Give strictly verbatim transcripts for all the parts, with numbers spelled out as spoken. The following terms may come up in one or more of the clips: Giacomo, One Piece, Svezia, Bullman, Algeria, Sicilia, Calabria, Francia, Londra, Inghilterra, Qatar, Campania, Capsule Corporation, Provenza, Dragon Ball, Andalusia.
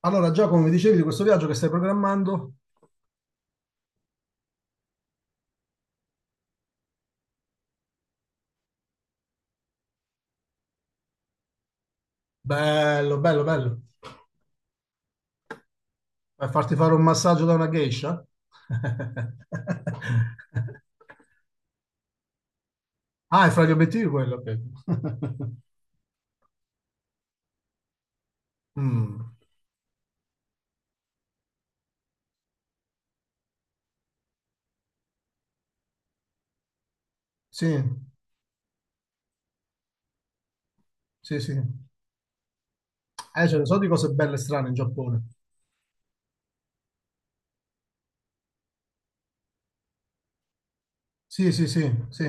Allora, Giacomo, mi dicevi di questo viaggio che stai programmando? Bello, bello, bello. Vai a farti fare un massaggio da una geisha? Ah, è fra gli obiettivi quello, ok. Mm, sì, sì, sì. Eh, ce ne so di cose belle e strane in Giappone. Sì, sì, sì, sì.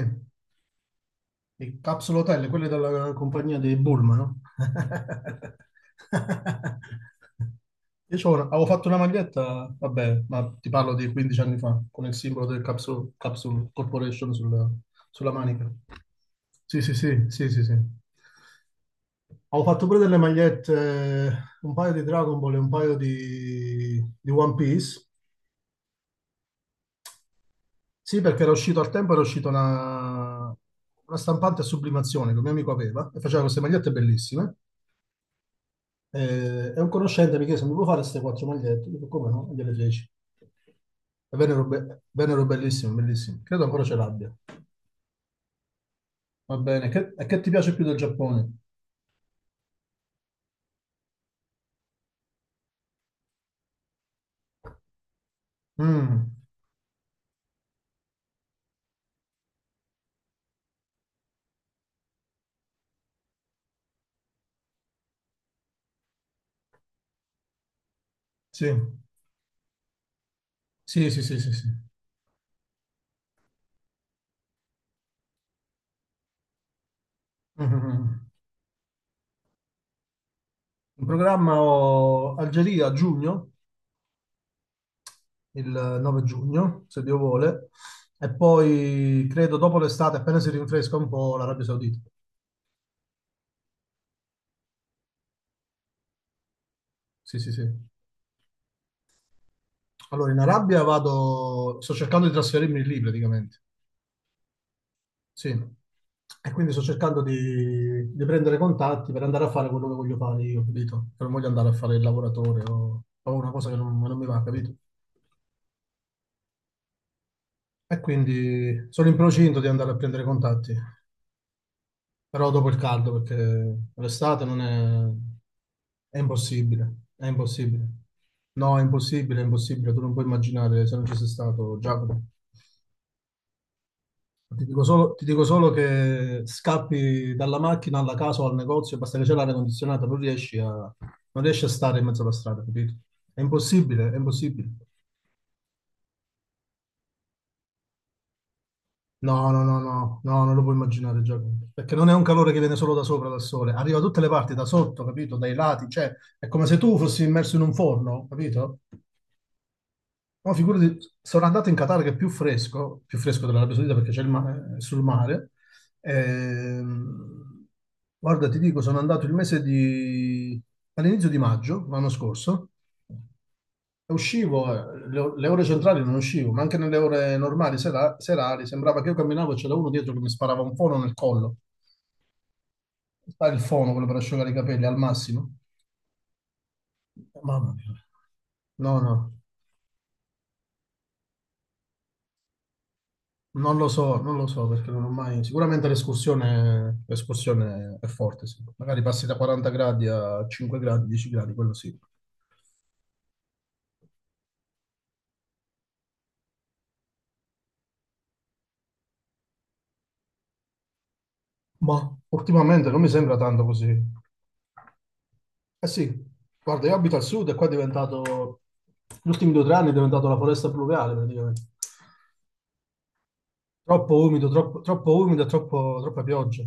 Le capsule hotel, quelle della compagnia dei Bullman, no? Io c'ho una- avevo fatto una maglietta, vabbè, ma ti parlo di quindici anni fa, con il simbolo del Capsule, Capsule Corporation sulla, sulla manica. Sì, sì, sì, sì, sì, sì. Avevo fatto pure delle magliette, un paio di Dragon Ball e un paio di, di One Piece. Sì, perché era uscito al tempo, era uscita una, una stampante a sublimazione che un mio amico aveva e faceva queste magliette bellissime. Eh, E, un conoscente mi chiese, mi puoi fare queste quattro magliette? Io dico, come no? E gliele feci. E vennero, be- vennero bellissime, bellissime. Credo ancora ce l'abbia. Va bene, che, e che ti piace più del Giappone? Mm, sì, sì, sì, sì, sì, sì. Mm, mm, mm. In programma ho Algeria a giugno, il nove giugno, se Dio vuole, e poi credo dopo l'estate, appena si rinfresca un po', l'Arabia Saudita. Sì, sì, sì. Allora, in Arabia vado, sto cercando di trasferirmi lì praticamente, sì. E quindi sto cercando di, di prendere contatti per andare a fare quello che voglio fare io, capito? Che non voglio andare a fare il lavoratore o, o una cosa che non, non mi va, capito? E quindi sono in procinto di andare a prendere contatti. Però dopo il caldo, perché l'estate non è... è impossibile, è impossibile. No, è impossibile, è impossibile, tu non puoi immaginare se non ci sei stato, Giacomo. Ti dico solo, ti dico solo che scappi dalla macchina alla casa o al negozio, basta che c'è l'aria condizionata, non riesci a, non riesci a stare in mezzo alla strada, capito? È impossibile, è impossibile. No, no, no, no, no, non lo puoi immaginare, Giacomo, perché non è un calore che viene solo da sopra, dal sole, arriva da tutte le parti, da sotto, capito? Dai lati, cioè, è come se tu fossi immerso in un forno, capito? No, figurati, sono andato in Qatar che è più fresco, più fresco dell'Arabia Saudita perché c'è il ma- è sul mare. Ehm, Guarda, ti dico, sono andato il mese di... all'inizio di maggio, l'anno scorso. Uscivo, eh, le, le ore centrali non uscivo, ma anche nelle ore normali, sera- serali, sembrava che io camminavo e c'era uno dietro che mi sparava un fono nel collo. Sai il fono, quello per asciugare i capelli, al massimo. Mamma mia. No, no, non lo so, non lo so perché non ho mai... Sicuramente l'escursione l'escursione è forte, sì. Magari passi da quaranta gradi a cinque gradi, dieci gradi, quello sì. Ma ultimamente non mi sembra tanto così. Eh sì, guarda, io abito al sud e qua è diventato, gli ultimi due o tre anni è diventato la foresta pluviale praticamente. Troppo umido, troppo, troppo umido e troppo, troppa pioggia.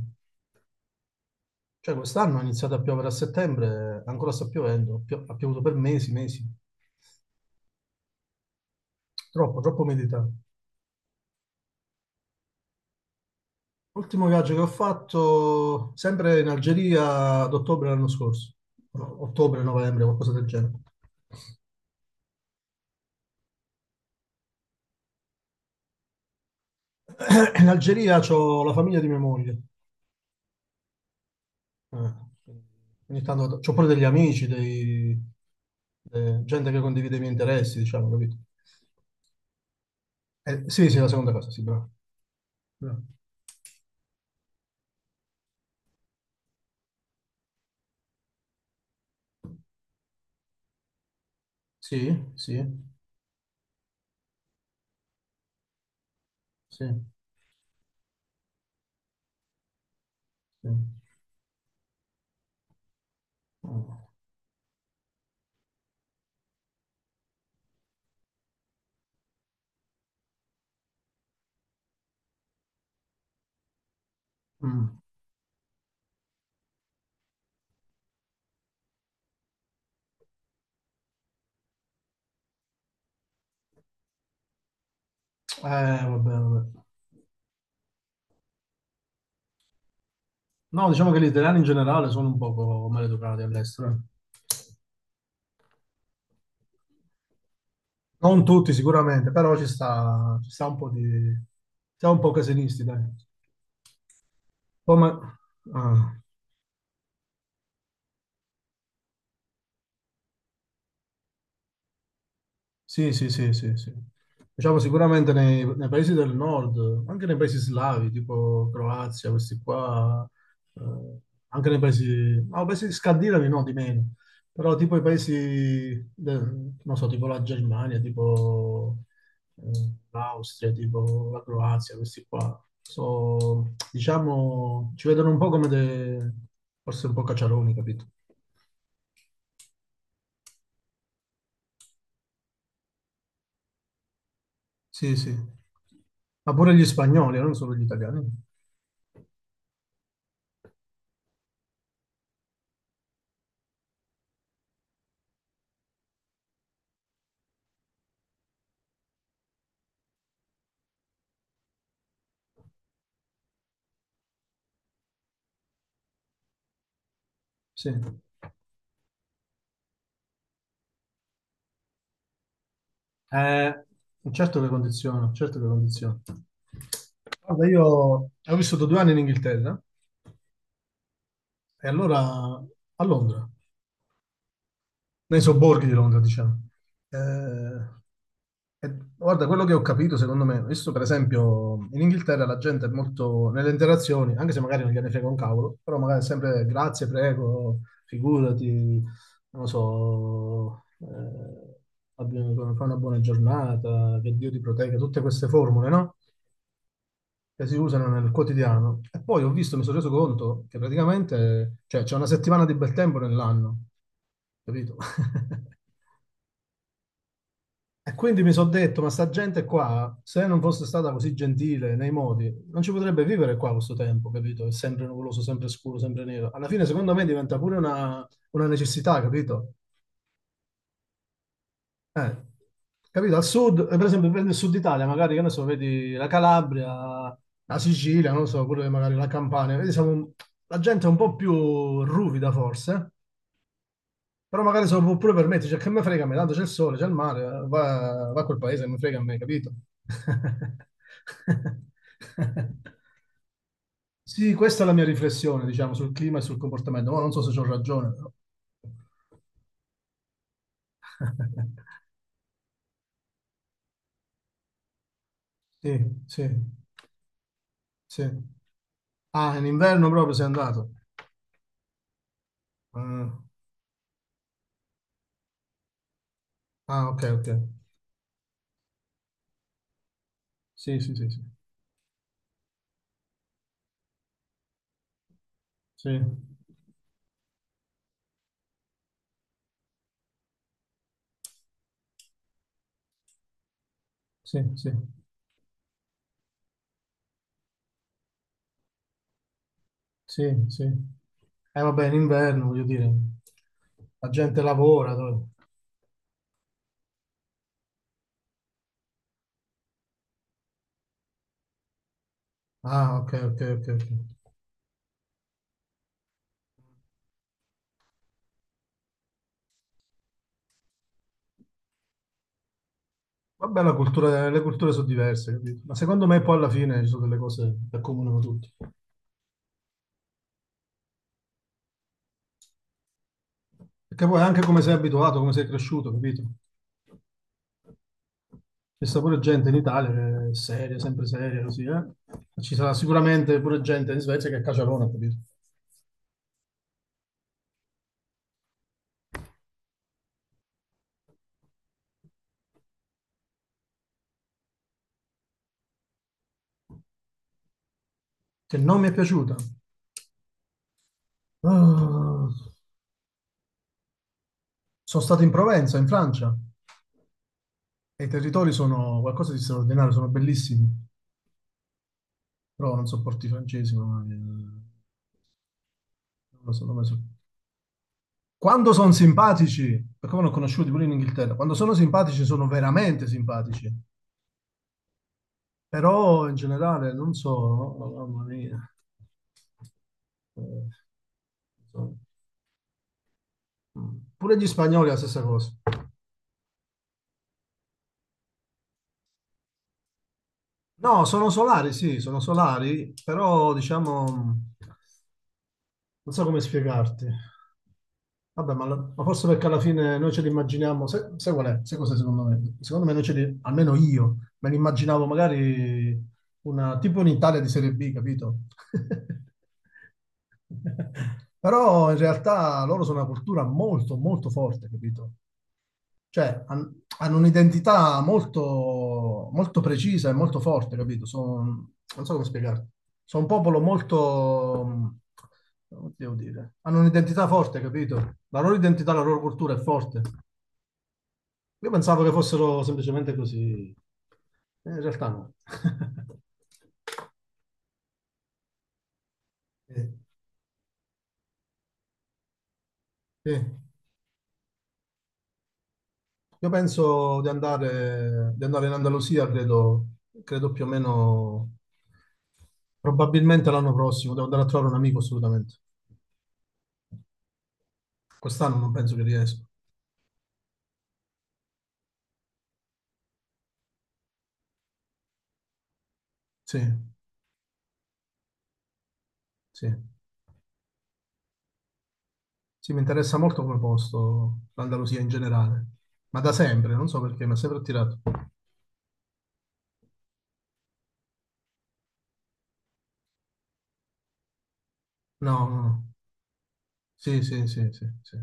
Cioè quest'anno è iniziato a piovere a settembre, ancora sta piovendo, pio- ha piovuto per mesi, mesi. Troppo, troppo umidità. L'ultimo viaggio che ho fatto, sempre in Algeria, ad ottobre l'anno scorso. No, ottobre, novembre, qualcosa del genere. In Algeria c'ho la famiglia di mia moglie. Eh, ogni tanto ho pure degli amici, dei, eh, gente che condivide i miei interessi, diciamo, capito? Eh, sì, sì, la seconda cosa, sì, bravo. Bravo. Sì, sì, sì, sì. Mm. Mm. Eh, vabbè, vabbè. No, diciamo che gli italiani in generale sono un poco maleducati all'estero, eh. Non tutti sicuramente, però ci sta, ci sta un po' di... Siamo un po' casinisti, dai. Poi ma- ah. Sì, sì, sì, sì, sì. Diciamo sicuramente nei, nei paesi del nord, anche nei paesi slavi, tipo Croazia, questi qua, eh, anche nei paesi, no, paesi scandinavi no, di meno, però tipo i paesi, del- non so, tipo la Germania, tipo eh, l'Austria, tipo la Croazia, questi qua, so, diciamo, ci vedono un po' come dei, forse un po' cacciaroni, capito? Sì, sì. Ma pure gli spagnoli, eh, non solo gli italiani. Sì. Eh, certo che condiziona, certo che condiziona. Guarda, io ho vissuto due anni in Inghilterra e allora a Londra, nei sobborghi di Londra, diciamo. Eh, e guarda, quello che ho capito, secondo me, visto per esempio in Inghilterra la gente è molto nelle interazioni, anche se magari non gliene frega un cavolo, però magari è sempre grazie, prego, figurati, non lo so, eh, abbi- fai una buona giornata, che Dio ti protegga, tutte queste formule, no? Che si usano nel quotidiano. E poi ho visto, mi sono reso conto che praticamente, cioè, c'è una settimana di bel tempo nell'anno, capito? E quindi mi sono detto, ma sta gente qua, se non fosse stata così gentile nei modi, non ci potrebbe vivere qua questo tempo, capito? È sempre nuvoloso, sempre scuro, sempre nero. Alla fine, secondo me, diventa pure una, una necessità, capito? Eh, capito? Al sud, eh, per esempio, prendi il sud Italia, magari, che ne so, vedi la Calabria, la Sicilia, non lo so, pure magari la Campania, vedi, siamo un- la gente è un po' più ruvida forse, però magari se lo può pure permettere, cioè, che me frega a me, tanto c'è il sole, c'è il mare, eh, va, va a quel paese, mi frega a me, capito? Sì, questa è la mia riflessione, diciamo, sul clima e sul comportamento, ma non so se ho ragione, però. Sì, sì, sì. Ah, in inverno proprio sei andato. Ah, ah, ok, ok. Sì, sì, sì, sì. Sì, sì, sì, sì, sì. Eh, vabbè, in inverno, voglio dire, la gente lavora. dove- Ah, ok, ok, ok, ok. Vabbè, la cultura, le culture sono diverse, capito? Ma secondo me poi alla fine ci sono delle cose che accomunano tutti. Perché poi anche come sei abituato, come sei cresciuto, capito? C'è sta pure gente in Italia che è seria, sempre seria, così, eh? Ci sarà sicuramente pure gente in Svezia che è caciarona, capito? Che non mi è piaciuta. Ah. Sono stato in Provenza, in Francia, e i territori sono qualcosa di straordinario, sono bellissimi, però non sopporto i francesi, mamma mia. Non lo so, non lo so. Quando sono simpatici, perché me ne ho conosciuti pure in Inghilterra, quando sono simpatici sono veramente simpatici, però in generale non so, oh, mamma mia. Eh, insomma. Mm. Pure gli spagnoli è la stessa cosa. No, sono solari, sì, sono solari, però diciamo non so come spiegarti. Vabbè, ma, la- ma forse perché alla fine noi ce l'immaginiamo, sai, sai qual è? Sai cos'è secondo me? Secondo me noi ce li, almeno io, me li immaginavo magari una, tipo un'Italia di Serie B, capito? Però in realtà loro sono una cultura molto, molto forte, capito? cioè, han- Hanno un'identità molto, molto precisa e molto forte, capito? Sono, non so come spiegarti. Sono un popolo molto, mh, come devo dire, hanno un'identità forte, capito? La loro identità, la loro cultura è forte. Io pensavo che fossero semplicemente così, eh, in realtà no. Sì, sì. Io penso di andare, di andare in Andalusia, credo, credo più o meno, probabilmente l'anno prossimo. Devo andare a trovare un amico assolutamente. Quest'anno non penso che riesco. Sì, sì. Sì, mi interessa molto come posto l'Andalusia in generale, ma da sempre, non so perché, mi ha sempre attirato. No, no, no. Sì, sì, sì, sì, sì.